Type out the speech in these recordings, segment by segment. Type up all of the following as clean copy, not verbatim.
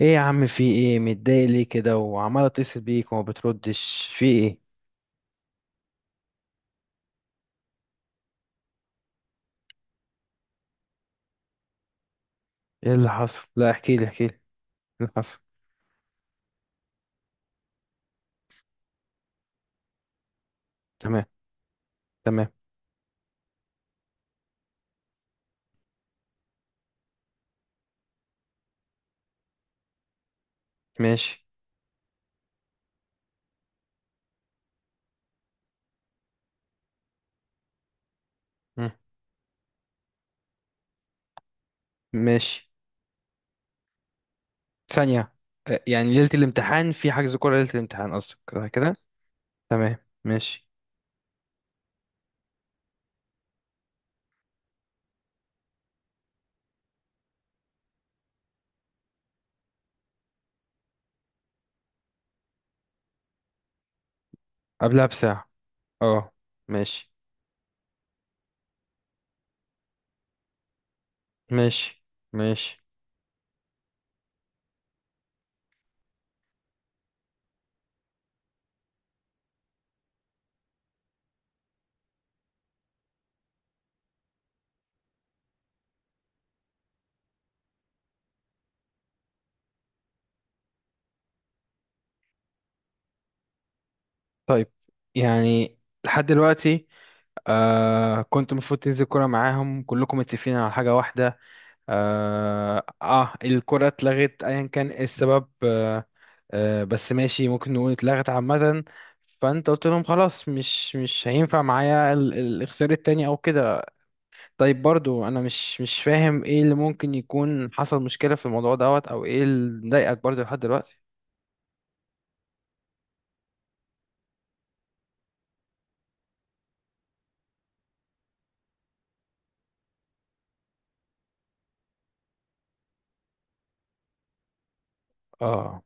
ايه يا عم في ايه متضايق ليه كده وعمال اتصل بيك وما بتردش في ايه؟ ايه اللي حصل؟ لا احكي لي ايه اللي حصل. تمام. تمام. ماشي. مم. ماشي. ثانية. يعني ليلة الامتحان في حجز كورة، ليلة الامتحان قصدك، كده. تمام. ماشي. قبلها بساعة؟ اه. ماشي. ماشي. ماشي. طيب، يعني لحد دلوقتي كنت المفروض تنزل كورة معاهم، كلكم متفقين على حاجة واحدة. اه, الكرة اتلغت ايا كان إيه السبب. آه، آه بس ماشي، ممكن نقول اتلغت عامة. فانت قلت لهم خلاص مش هينفع معايا الاختيار التاني او كده. طيب برضو انا مش فاهم ايه اللي ممكن يكون حصل مشكلة في الموضوع دوت او ايه اللي مضايقك برضو لحد دلوقتي. اه.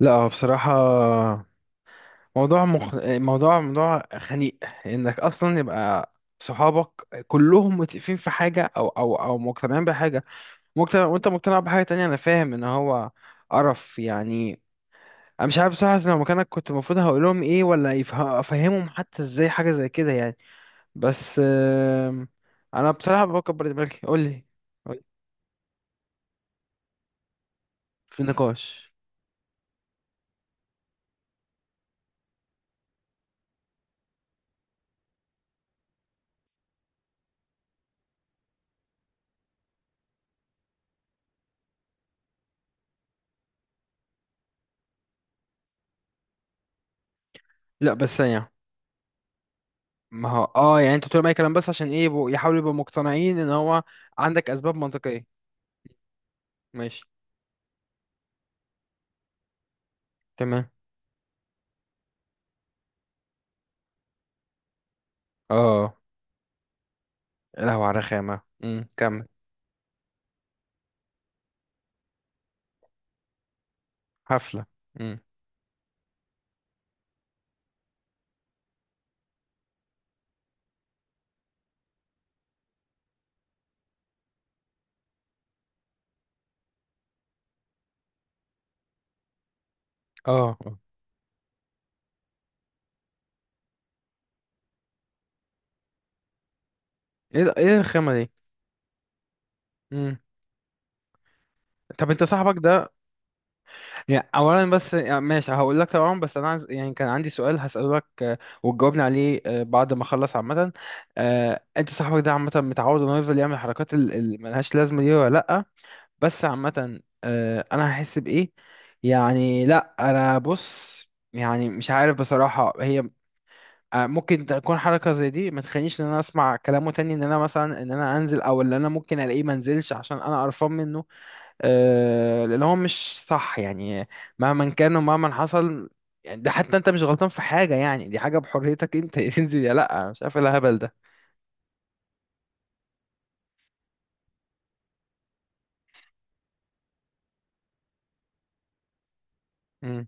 لا هو بصراحة موضوع موضوع خنيق. انك اصلا يبقى صحابك كلهم متفقين في حاجة او مقتنعين بحاجة، مقتنع، وانت مقتنع بحاجة تانية. انا فاهم ان هو قرف يعني. انا مش عارف بصراحة لو مكانك كنت المفروض هقول لهم ايه، ولا افهمهم حتى ازاي حاجة زي كده يعني. بس انا بصراحة بكبر دماغي، قول لي. قول لي. في نقاش. لا بس يعني ما هو اه يعني انت بتقول اي كلام بس عشان ايه؟ يحاولوا يبقوا مقتنعين ان هو عندك اسباب منطقية. ماشي. تمام. اه يا لهوي على رخامة. كمل. حفلة. امم. اه. آه. ايه ايه الرخامة دي؟ امم. طب انت صاحبك ده يعني، اولا بس يعني ماشي هقول لك طبعا، بس انا عايز يعني كان عندي سؤال هسأله لك، وتجاوبني عليه بعد ما اخلص عامه. انت صاحبك ده عامه متعود انه يفضل يعمل الحركات اللي ملهاش لازمه دي ولا لا؟ بس عامه، انا هحس بايه يعني. لا انا بص، يعني مش عارف بصراحه هي، ممكن تكون حركه زي دي ما تخلينيش ان انا اسمع كلامه تاني، ان انا مثلا ان انا انزل، او ان انا ممكن الاقيه ما انزلش عشان انا قرفان منه. اللي هو مش صح يعني، مهما كان ومهما حصل. يعني ده حتى انت مش غلطان في حاجة، يعني دي حاجة بحريتك انت تنزل يا لا، مش عارف ايه الهبل ده. مم.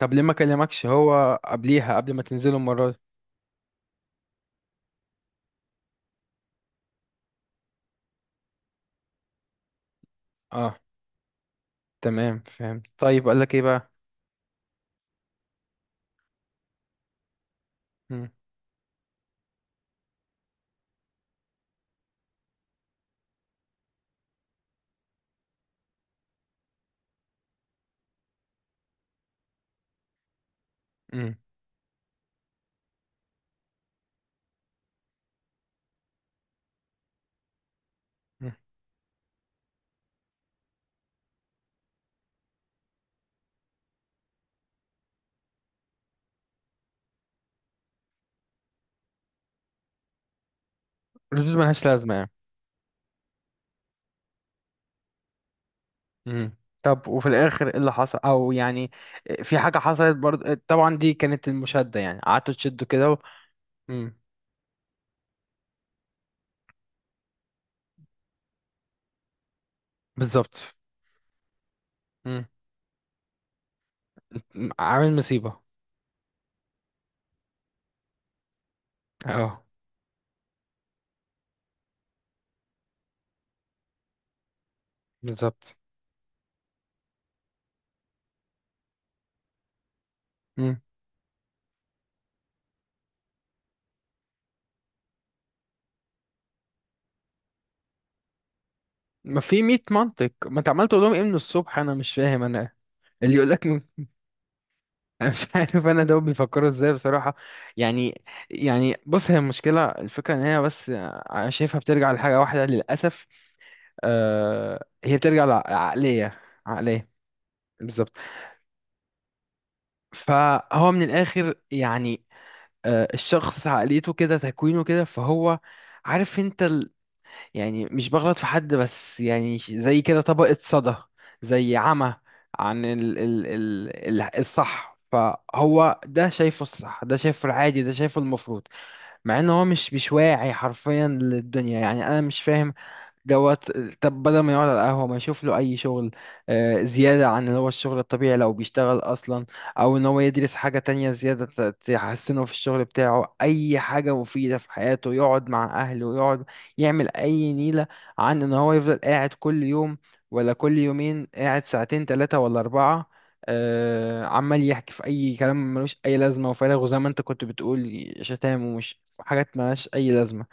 طب ليه ما كلمكش هو قبليها قبل ما تنزلوا المرة دي؟ اه. تمام فهمت. طيب قال لك ايه بقى؟ مم. مم. مم. ردود ملهاش لازمة يعني. مم. طب وفي الاخر ايه اللي حصل او يعني في حاجة حصلت برضه؟ طبعا دي كانت المشادة، يعني قعدتوا تشدوا كده مم. بالظبط. مم. عامل مصيبة. اه. بالظبط. مم. ما في 100 منطق، ما انت عمال تقول لهم ايه من الصبح، انا مش فاهم. انا اللي يقول لك انا مش عارف انا دول بيفكروا ازاي بصراحه يعني. يعني بص هي المشكله، الفكره ان هي بس انا شايفها بترجع لحاجه واحده للاسف. هي بترجع لعقليه، عقليه. بالظبط. فهو من الاخر يعني، الشخص عقليته كده، تكوينه كده، فهو عارف انت، يعني مش بغلط في حد بس يعني زي كده طبقة صدى، زي عمى عن ال الصح. فهو ده شايفه الصح، ده شايفه العادي، ده شايفه المفروض، مع ان هو مش واعي حرفيا للدنيا، يعني انا مش فاهم دوت. طب بدل ما يقعد على القهوة ما يشوف له أي شغل، زيادة عن اللي هو الشغل الطبيعي لو بيشتغل أصلا، أو إن هو يدرس حاجة تانية زيادة تحسنه في الشغل بتاعه، أي حاجة مفيدة في حياته، يقعد مع أهله، يقعد يعمل أي نيلة، عن إن هو يفضل قاعد كل يوم ولا كل يومين قاعد ساعتين تلاتة ولا أربعة، عمال يحكي في أي كلام ملوش أي لازمة وفارغ، وزي ما أنت كنت بتقول شتام ومش حاجات ملهاش أي لازمة.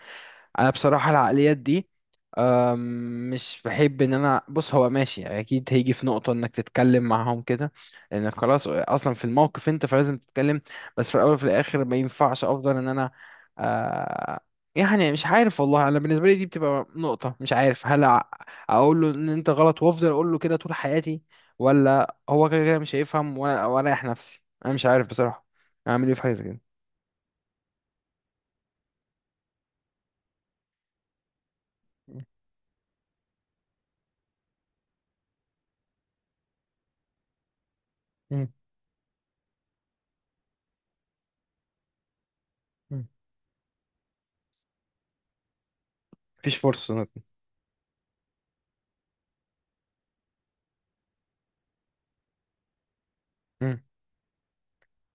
انا بصراحه العقليات دي، مش بحب ان انا بص هو ماشي اكيد هيجي في نقطه انك تتكلم معاهم كده، لان خلاص اصلا في الموقف انت فلازم تتكلم، بس في الاول وفي الاخر ما ينفعش افضل ان انا أه، يعني مش عارف والله. انا بالنسبه لي دي بتبقى نقطه مش عارف، هل اقول له ان انت غلط وافضل اقول له كده طول حياتي، ولا هو كده كده مش هيفهم، ولا واريح نفسي، انا مش عارف بصراحه اعمل ايه في حاجه زي كده. مم. مم. مفيش فرصه.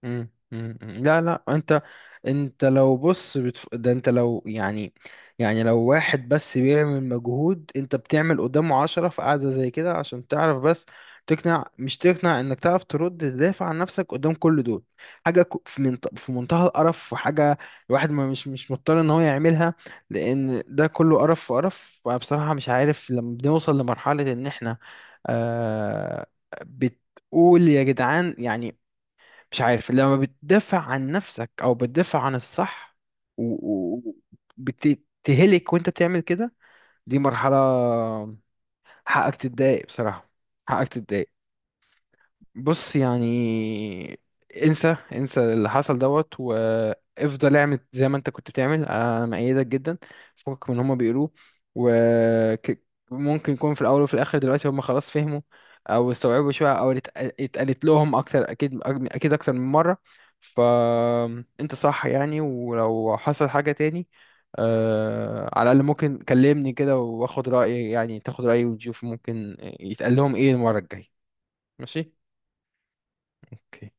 مم. مم. مم. لا لا انت، انت لو بص ده انت لو يعني، يعني لو واحد بس بيعمل مجهود انت بتعمل قدامه عشرة في قعدة زي كده، عشان تعرف بس تقنع، مش تقنع، انك تعرف ترد تدافع عن نفسك قدام كل دول، حاجة في في منتهى القرف، وحاجة الواحد ما مش مش مضطر ان هو يعملها، لان ده كله قرف في قرف. فبصراحة مش عارف لما بنوصل لمرحلة ان احنا آه... بتقول يا جدعان يعني، مش عارف لما بتدافع عن نفسك او بتدافع عن الصح وبتتهلك وانت بتعمل كده، دي مرحلة حقك تتضايق بصراحة، حقك تتضايق. بص يعني، انسى اللي حصل دوت، وافضل اعمل زي ما انت كنت بتعمل، انا مأيدك جدا فوقك من هما بيقولوه. وممكن يكون في الاول وفي الاخر دلوقتي هما خلاص فهموا او استوعبوا شوية، او اتقالت لهم اكتر، اكيد اكيد اكتر من مرة. فانت صح يعني. ولو حصل حاجة تاني، على الاقل ممكن كلمني كده واخد رأيي، يعني تاخد رأيي وتشوف ممكن يتقال لهم ايه المرة الجاية. ماشي. اوكي.